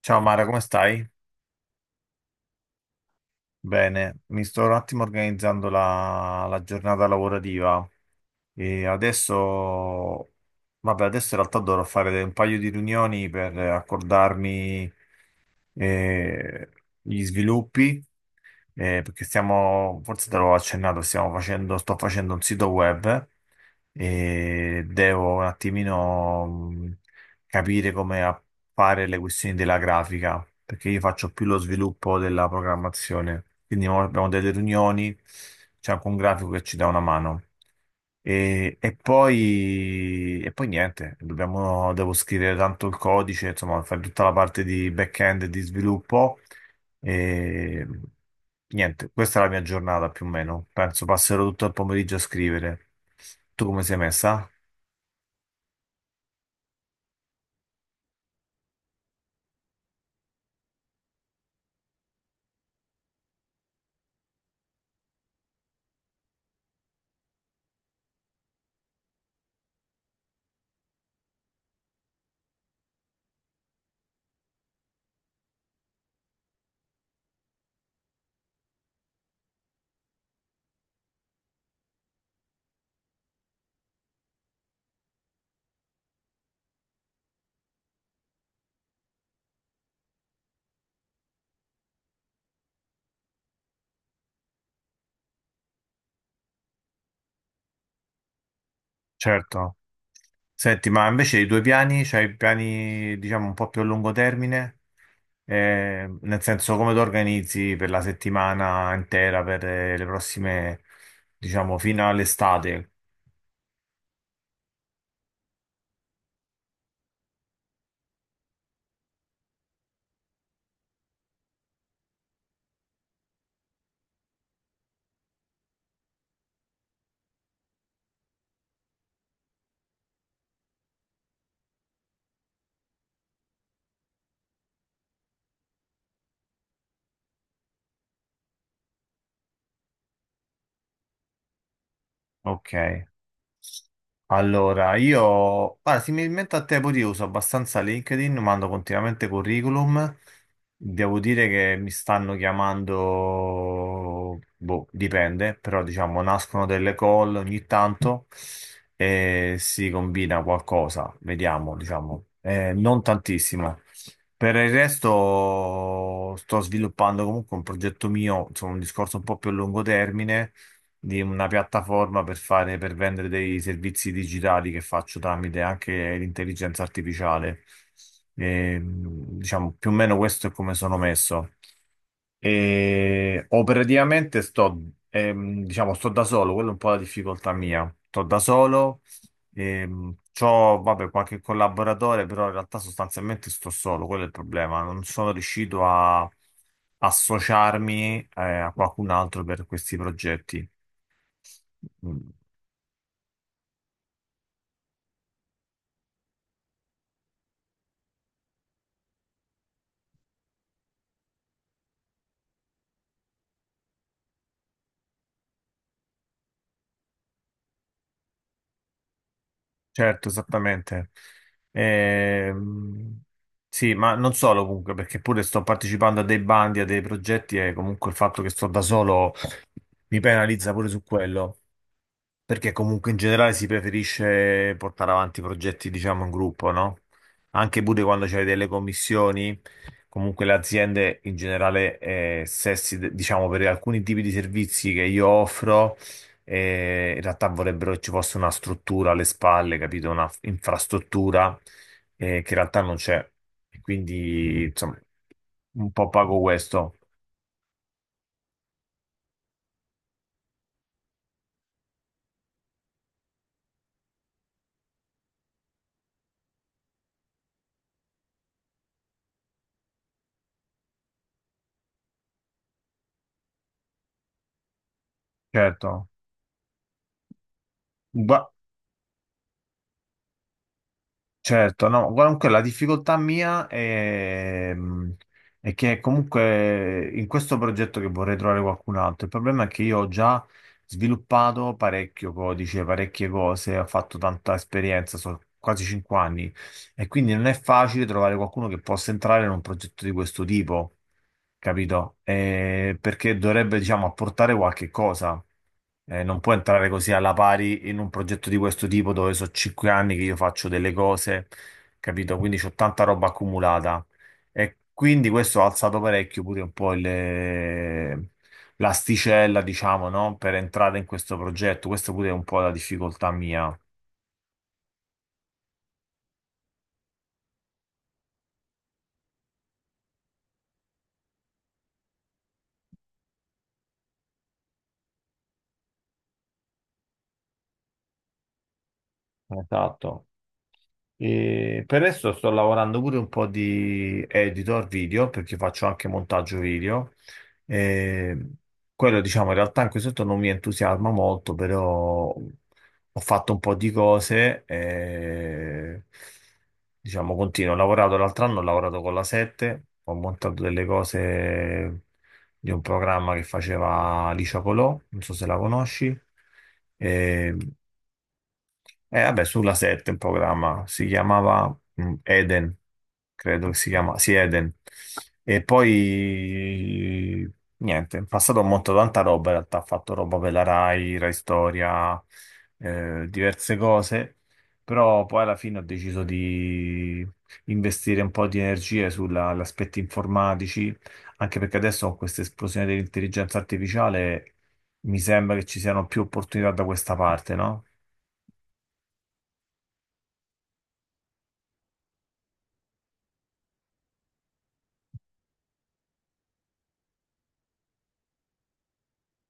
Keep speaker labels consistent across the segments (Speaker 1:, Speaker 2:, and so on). Speaker 1: Ciao Mara, come stai? Bene, mi sto un attimo organizzando la giornata lavorativa e adesso, vabbè, adesso in realtà dovrò fare un paio di riunioni per accordarmi eh, gli sviluppi. Perché stiamo, forse te l'ho accennato, stiamo facendo, sto facendo un sito web e devo un attimino capire come fare le questioni della grafica, perché io faccio più lo sviluppo della programmazione. Quindi mo abbiamo delle riunioni, c'è anche un grafico che ci dà una mano. E poi niente, dobbiamo, devo scrivere tanto il codice, insomma, fare tutta la parte di back-end e di sviluppo e niente, questa è la mia giornata più o meno. Penso passerò tutto il pomeriggio a scrivere. Tu come sei messa? Certo. Senti, ma invece i tuoi piani, c'hai piani, diciamo, un po' più a lungo termine? Nel senso, come ti organizzi per la settimana intera, per le prossime, diciamo, fino all'estate? Ok. Allora, io, guarda, similmente a te, pure io uso abbastanza LinkedIn, mando continuamente curriculum. Devo dire che mi stanno chiamando, boh, dipende, però diciamo nascono delle call ogni tanto e si combina qualcosa, vediamo, diciamo, eh, non tantissimo. Per il resto sto sviluppando comunque un progetto mio, insomma un discorso un po' più a lungo termine, di una piattaforma per fare, per vendere dei servizi digitali che faccio tramite anche l'intelligenza artificiale. E, diciamo, più o meno questo è come sono messo. E operativamente sto, diciamo, sto da solo, quella è un po' la difficoltà mia. Sto da solo. C'ho, vabbè, qualche collaboratore, però in realtà sostanzialmente sto solo, quello è il problema. Non sono riuscito a associarmi, a qualcun altro per questi progetti. Mm, Certo, esattamente. Ehm, sì, ma non solo comunque, perché pure sto partecipando a dei bandi, a dei progetti e comunque il fatto che sto da solo mi penalizza pure su quello. Perché comunque in generale si preferisce portare avanti progetti, diciamo, in gruppo, no? Anche pure quando c'è delle commissioni, comunque le aziende in generale, se si- diciamo, per alcuni tipi di servizi che io offro, in realtà vorrebbero che ci fosse una struttura alle spalle, capito? Una f- infrastruttura, che in realtà non c'è. E quindi, insomma, un po' pago questo. Certo. Certo, no, comunque la difficoltà mia è che comunque in questo progetto che vorrei trovare qualcun altro, il problema è che io ho già sviluppato parecchio codice, parecchie cose, ho fatto tanta esperienza, sono quasi 5 anni e quindi non è facile trovare qualcuno che possa entrare in un progetto di questo tipo, capito? Perché dovrebbe, diciamo, apportare qualche cosa. Non può entrare così alla pari in un progetto di questo tipo dove so 5 anni che io faccio delle cose, capito? Quindi c'ho tanta roba accumulata. E quindi questo ha alzato parecchio pure un po' il- l'asticella, diciamo, no? Per entrare in questo progetto. Questa pure è un po' la difficoltà mia. Esatto. E per adesso sto lavorando pure un po' di editor video perché faccio anche montaggio video. E quello, diciamo, in realtà anche sotto non mi entusiasma molto, però ho fatto un po' di cose. E, diciamo, continuo. Ho lavorato l'altro anno, ho lavorato con la La7, ho montato delle cose di un programma che faceva Licia Colò, non so se la conosci. E e vabbè, sulla La7 il programma si chiamava Eden, credo che si chiama, sì, Eden. E poi niente, in passato ho montato tanta roba, in realtà ho fatto roba per la Rai, Rai Storia, diverse cose, però poi alla fine ho deciso di investire un po' di energie sugli aspetti informatici, anche perché adesso con questa esplosione dell'intelligenza artificiale mi sembra che ci siano più opportunità da questa parte, no?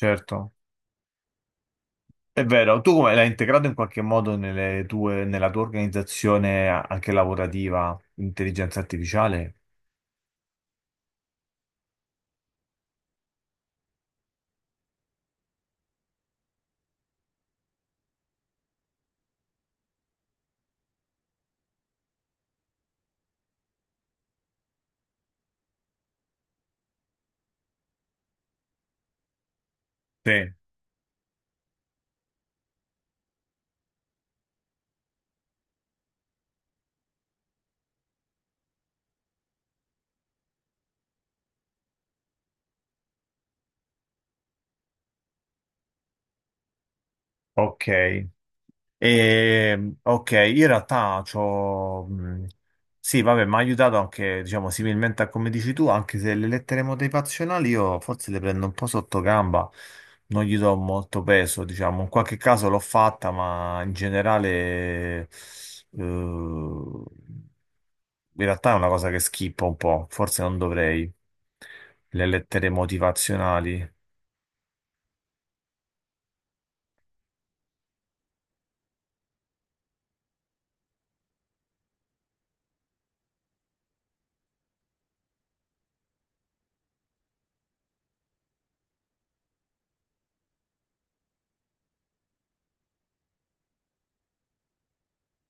Speaker 1: Certo. È vero, tu come l'hai integrato in qualche modo nelle tue- nella tua organizzazione a- anche lavorativa, intelligenza artificiale? Sì. Ok. E, ok, in realtà c'ho... sì, vabbè, mi ha aiutato anche, diciamo, similmente a come dici tu, anche se le lettere motivazionali io forse le prendo un po' sotto gamba, non gli do molto peso, diciamo. In qualche caso l'ho fatta, ma in generale... eh, in realtà è una cosa che schippo un po', forse non dovrei. Le lettere motivazionali.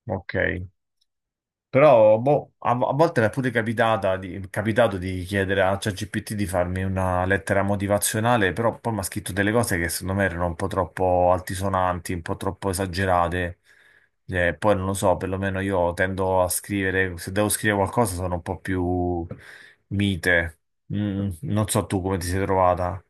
Speaker 1: Ok. Però boh, a volte mi è pure capitata di- capitato di chiedere a ChatGPT di farmi una lettera motivazionale, però poi mi ha scritto delle cose che secondo me erano un po' troppo altisonanti, un po' troppo esagerate. Poi non lo so, perlomeno io tendo a scrivere, se devo scrivere qualcosa sono un po' più mite. Non so tu come ti sei trovata.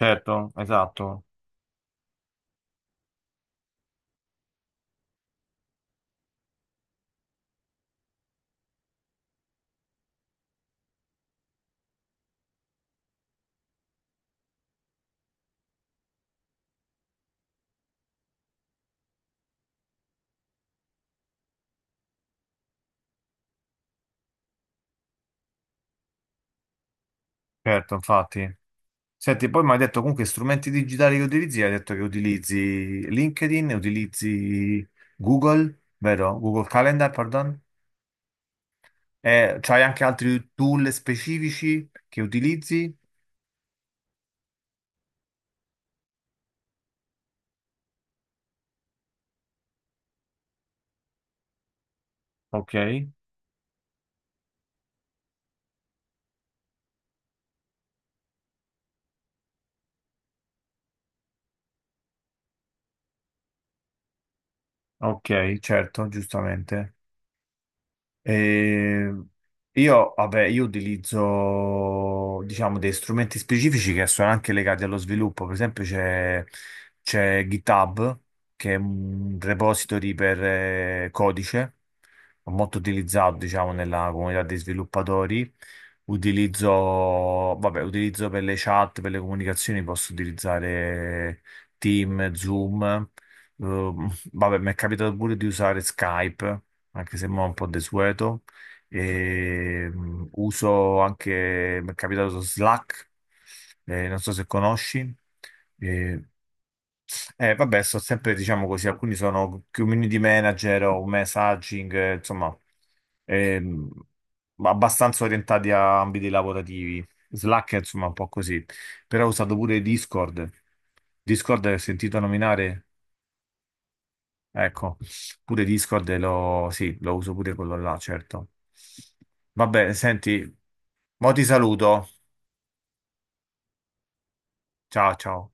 Speaker 1: Certo, esatto, certo, infatti. Senti, poi mi hai detto comunque strumenti digitali che utilizzi, hai detto che utilizzi LinkedIn, utilizzi Google, vero? Google Calendar, pardon. E c'hai anche altri tool specifici che utilizzi? Ok, ok, certo, giustamente. Eh, io, vabbè, io utilizzo, diciamo, dei strumenti specifici che sono anche legati allo sviluppo. Per esempio, c'è GitHub, che è un repository per codice, molto utilizzato, diciamo, nella comunità dei sviluppatori. Utilizzo, vabbè, utilizzo per le chat, per le comunicazioni, posso utilizzare Team, Zoom. Eh, vabbè, mi è capitato pure di usare Skype anche se mo' è un po' desueto. E, uso anche, mi è capitato Slack, non so se conosci. E, vabbè, sto sempre, diciamo così, alcuni sono community manager o messaging, insomma, ehm, abbastanza orientati a ambiti lavorativi. Slack è, insomma, un po' così. Però ho usato pure Discord. Discord, hai sentito nominare? Ecco, pure Discord lo, sì, lo uso pure quello là, certo. Vabbè, senti, mo ti saluto. Ciao, ciao.